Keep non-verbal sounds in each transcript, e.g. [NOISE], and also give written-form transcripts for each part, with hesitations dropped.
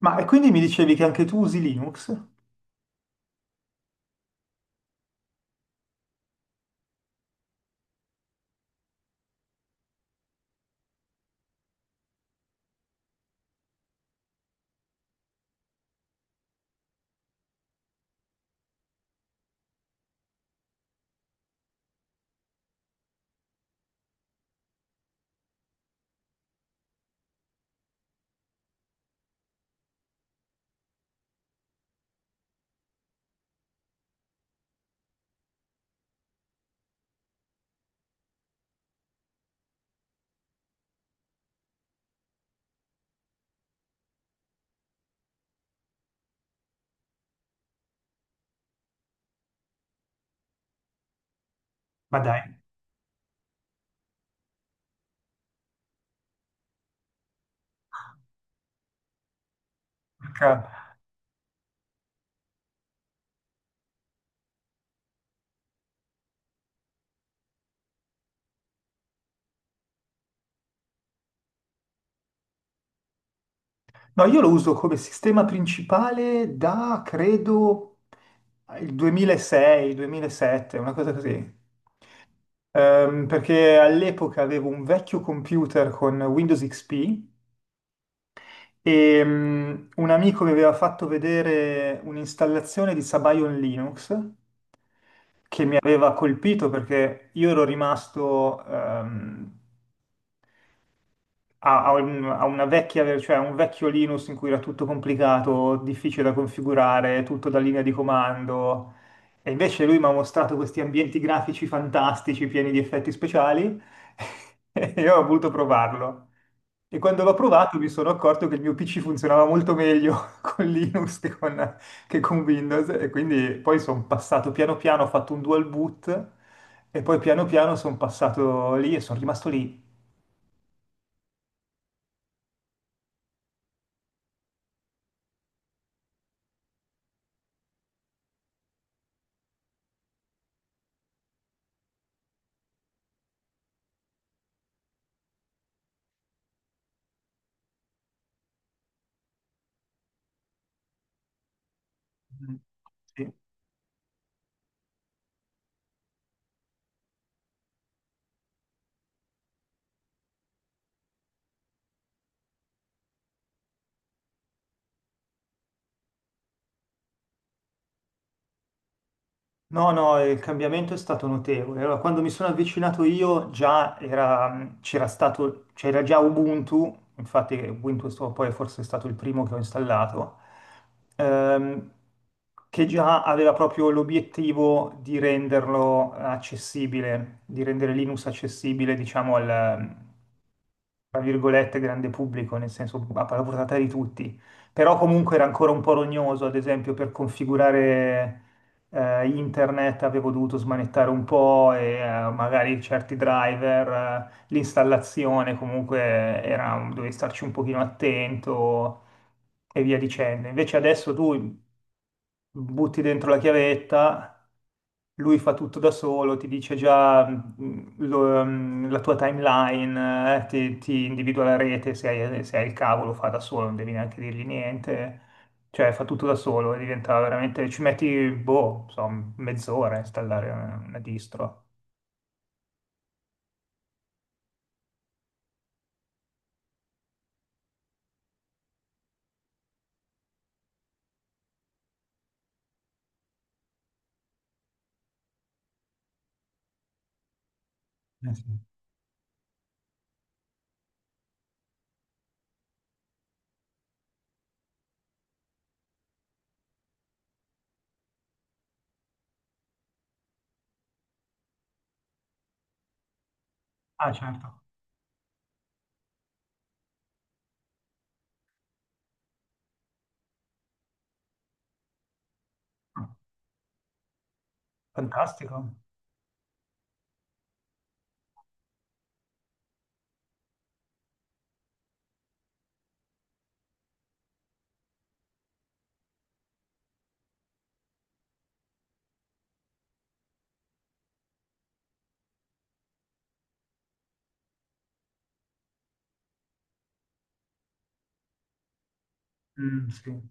Ma e quindi mi dicevi che anche tu usi Linux? Ma dai, porca- no, io lo uso come sistema principale da credo il 2006, 2007, una cosa così. Perché all'epoca avevo un vecchio computer con Windows XP e un amico mi aveva fatto vedere un'installazione di Sabayon Linux che mi aveva colpito perché io ero rimasto ha una cioè un vecchio Linux in cui era tutto complicato, difficile da configurare, tutto da linea di comando. E invece lui mi ha mostrato questi ambienti grafici fantastici, pieni di effetti speciali, [LAUGHS] e io ho voluto provarlo. E quando l'ho provato mi sono accorto che il mio PC funzionava molto meglio [LAUGHS] con che con Windows, e quindi poi sono passato piano piano, ho fatto un dual boot, e poi piano piano sono passato lì e sono rimasto lì. Mm. Sì. No, no, il cambiamento è stato notevole. Allora, quando mi sono avvicinato io c'era stato, c'era già Ubuntu, infatti poi forse è stato il primo che ho installato, ehm, che già aveva proprio l'obiettivo di renderlo accessibile, di rendere Linux accessibile, diciamo, al, tra virgolette, grande pubblico, nel senso a alla portata di tutti. Però comunque era ancora un po' rognoso, ad esempio per configurare internet avevo dovuto smanettare un po' e magari certi driver, l'installazione comunque era, dovevi starci un pochino attento e via dicendo. Invece adesso tu butti dentro la chiavetta, lui fa tutto da solo, ti dice già la tua timeline, ti individua la rete, se hai il cavo lo fa da solo, non devi neanche dirgli niente, cioè fa tutto da solo e diventa veramente, ci metti, boh, insomma, mezz'ora a installare una distro. Eh sì. Ah, certo. Fantastico. Mm, sì.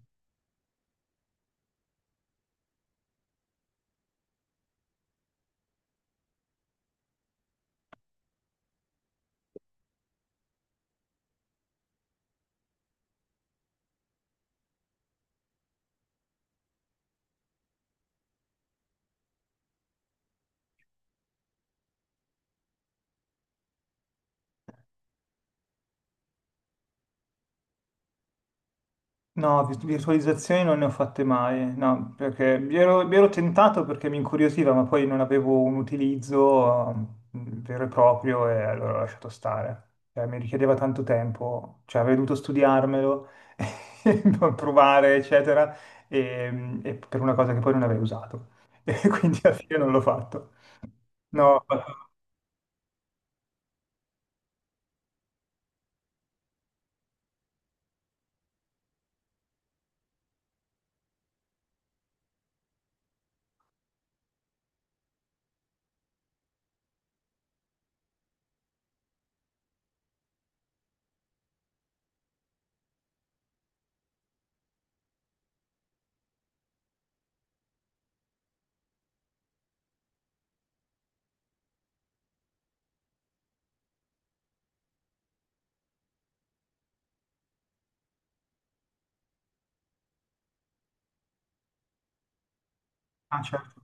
No, virtualizzazioni non ne ho fatte mai, no, perché mi ero tentato perché mi incuriosiva, ma poi non avevo un utilizzo vero e proprio e allora ho lasciato stare. Cioè, mi richiedeva tanto tempo, cioè avrei dovuto studiarmelo, [LAUGHS] e provare, eccetera, e per una cosa che poi non avrei usato. [LAUGHS] E quindi alla fine non l'ho fatto. No, ah, certo,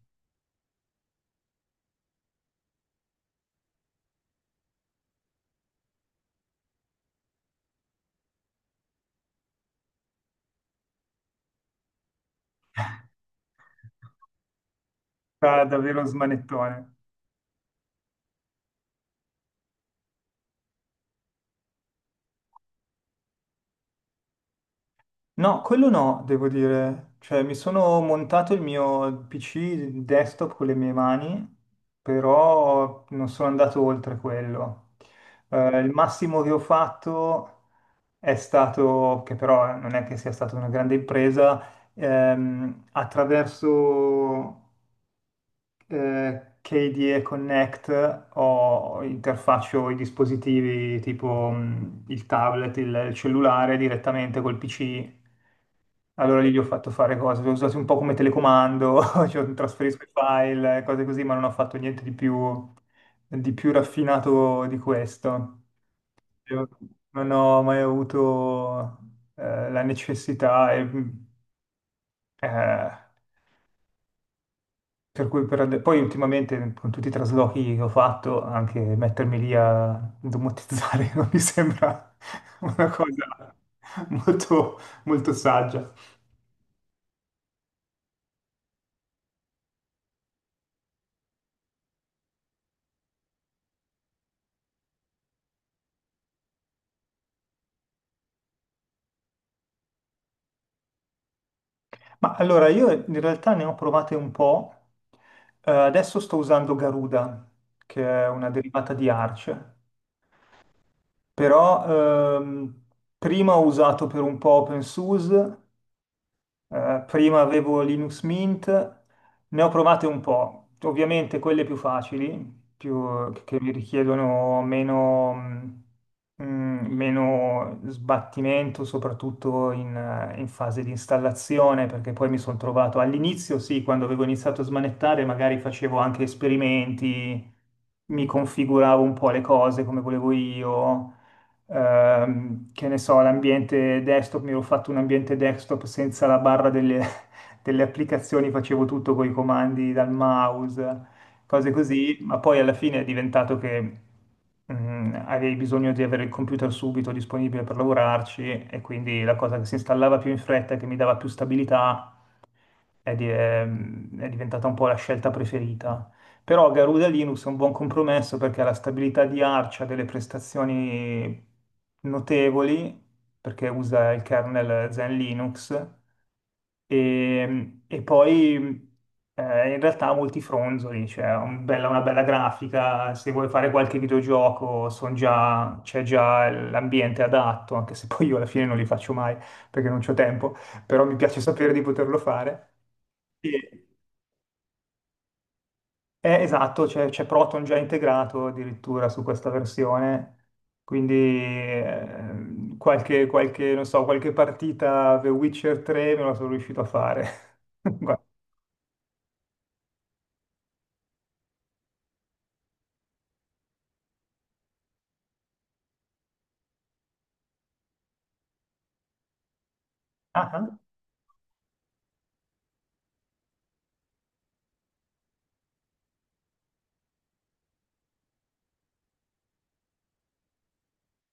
[LAUGHS] era davvero smanettone. No, quello no, devo dire. Cioè, mi sono montato il mio PC desktop con le mie mani, però non sono andato oltre quello. Il massimo che ho fatto è stato, che però non è che sia stata una grande impresa, attraverso KDE Connect o interfaccio i dispositivi tipo il tablet, il cellulare direttamente col PC. Allora lì gli ho fatto fare cose, l'ho usato un po' come telecomando, [LAUGHS] cioè trasferisco i file, cose così, ma non ho fatto niente di più, di più raffinato di questo. Io non ho mai avuto la necessità e, eh, per cui poi ultimamente con tutti i traslochi che ho fatto, anche mettermi lì a domotizzare [LAUGHS] non mi sembra una cosa molto, molto saggia. Ma allora io in realtà ne ho provate un po'. Adesso sto usando Garuda, che è una derivata di Arch, però prima ho usato per un po' OpenSUSE. Prima avevo Linux Mint, ne ho provate un po', ovviamente quelle più facili, che mi richiedono meno, mh, meno sbattimento, soprattutto in fase di installazione, perché poi mi sono trovato all'inizio, sì, quando avevo iniziato a smanettare, magari facevo anche esperimenti, mi configuravo un po' le cose come volevo io. Che ne so, l'ambiente mi ero fatto un ambiente desktop senza [LAUGHS] delle applicazioni, facevo tutto con i comandi dal mouse, cose così, ma poi alla fine è diventato che avevi bisogno di avere il computer subito disponibile per lavorarci e quindi la cosa che si installava più in fretta, che mi dava più stabilità, è diventata un po' la scelta preferita. Però Garuda Linux è un buon compromesso perché ha la stabilità di Arch, ha delle prestazioni notevoli, perché usa il kernel Zen Linux, e poi in realtà ha molti fronzoli, cioè ha una bella grafica, se vuoi fare qualche videogioco c'è già l'ambiente adatto, anche se poi io alla fine non li faccio mai perché non c'ho tempo, però mi piace sapere di poterlo fare. Sì. Esatto, c'è Proton già integrato addirittura su questa versione, quindi qualche, non so, qualche partita The Witcher 3 me la sono riuscito a fare. [LAUGHS] Guarda. Ah, ah.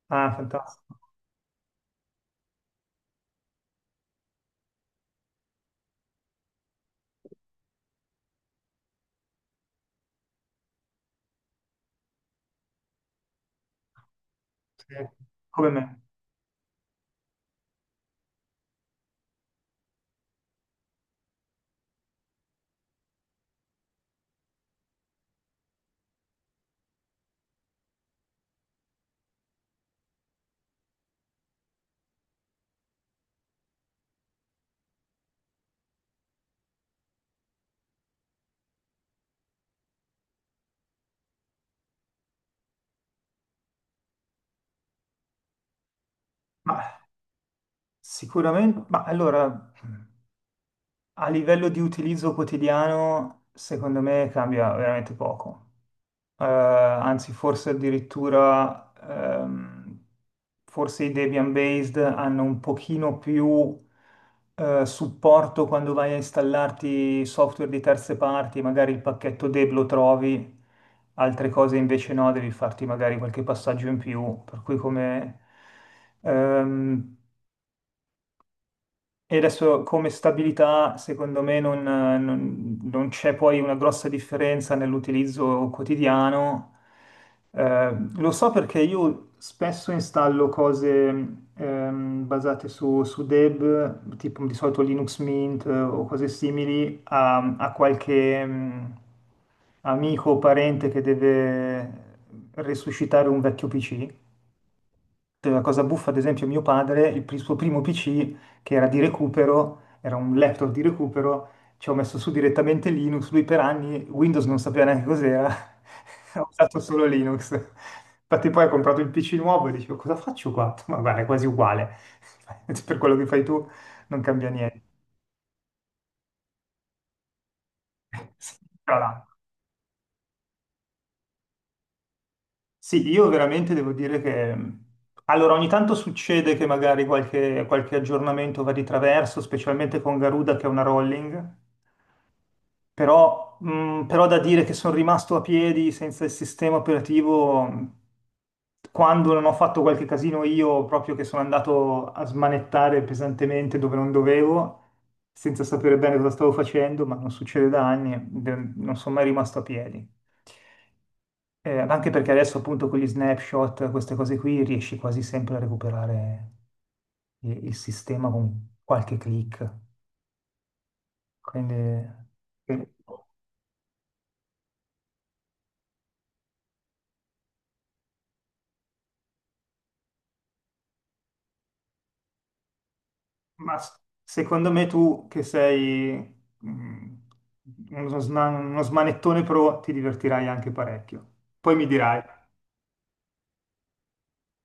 Ah, fantastico, sì. Come me. Ma sicuramente, ma allora, a livello di utilizzo quotidiano, secondo me cambia veramente poco. Eh, anzi forse addirittura forse i Debian based hanno un pochino più supporto quando vai a installarti software di terze parti, magari il pacchetto deb lo trovi, altre cose invece no, devi farti magari qualche passaggio in più, per cui come ehm, e adesso come stabilità, secondo me, non c'è poi una grossa differenza nell'utilizzo quotidiano. Lo so perché io spesso installo cose basate su Deb, tipo di solito Linux Mint o cose simili, a qualche amico o parente che deve resuscitare un vecchio PC. La cosa buffa, ad esempio, mio padre, suo primo PC, che era di recupero, era un laptop di recupero, ci ho messo su direttamente Linux, lui per anni Windows non sapeva neanche cos'era, [LAUGHS] ha usato solo Linux. Infatti poi ha comprato il PC nuovo e dicevo, cosa faccio qua? [LAUGHS] Ma guarda, è quasi uguale, [LAUGHS] per quello che fai tu non cambia niente. [LAUGHS] Sì, tra l'altro. Sì, io veramente devo dire che mhmm, allora ogni tanto succede che magari qualche aggiornamento va di traverso, specialmente con Garuda che è una rolling. Però, però da dire che sono rimasto a piedi senza il sistema operativo quando non ho fatto qualche casino io, proprio che sono andato a smanettare pesantemente dove non dovevo, senza sapere bene cosa stavo facendo, ma non succede da anni, non sono mai rimasto a piedi. Anche perché adesso appunto con gli snapshot, queste cose qui, riesci quasi sempre a recuperare il sistema con qualche click. Quindi... Ma s- secondo me tu che sei mm, uno smanettone pro ti divertirai anche parecchio. Poi mi dirai.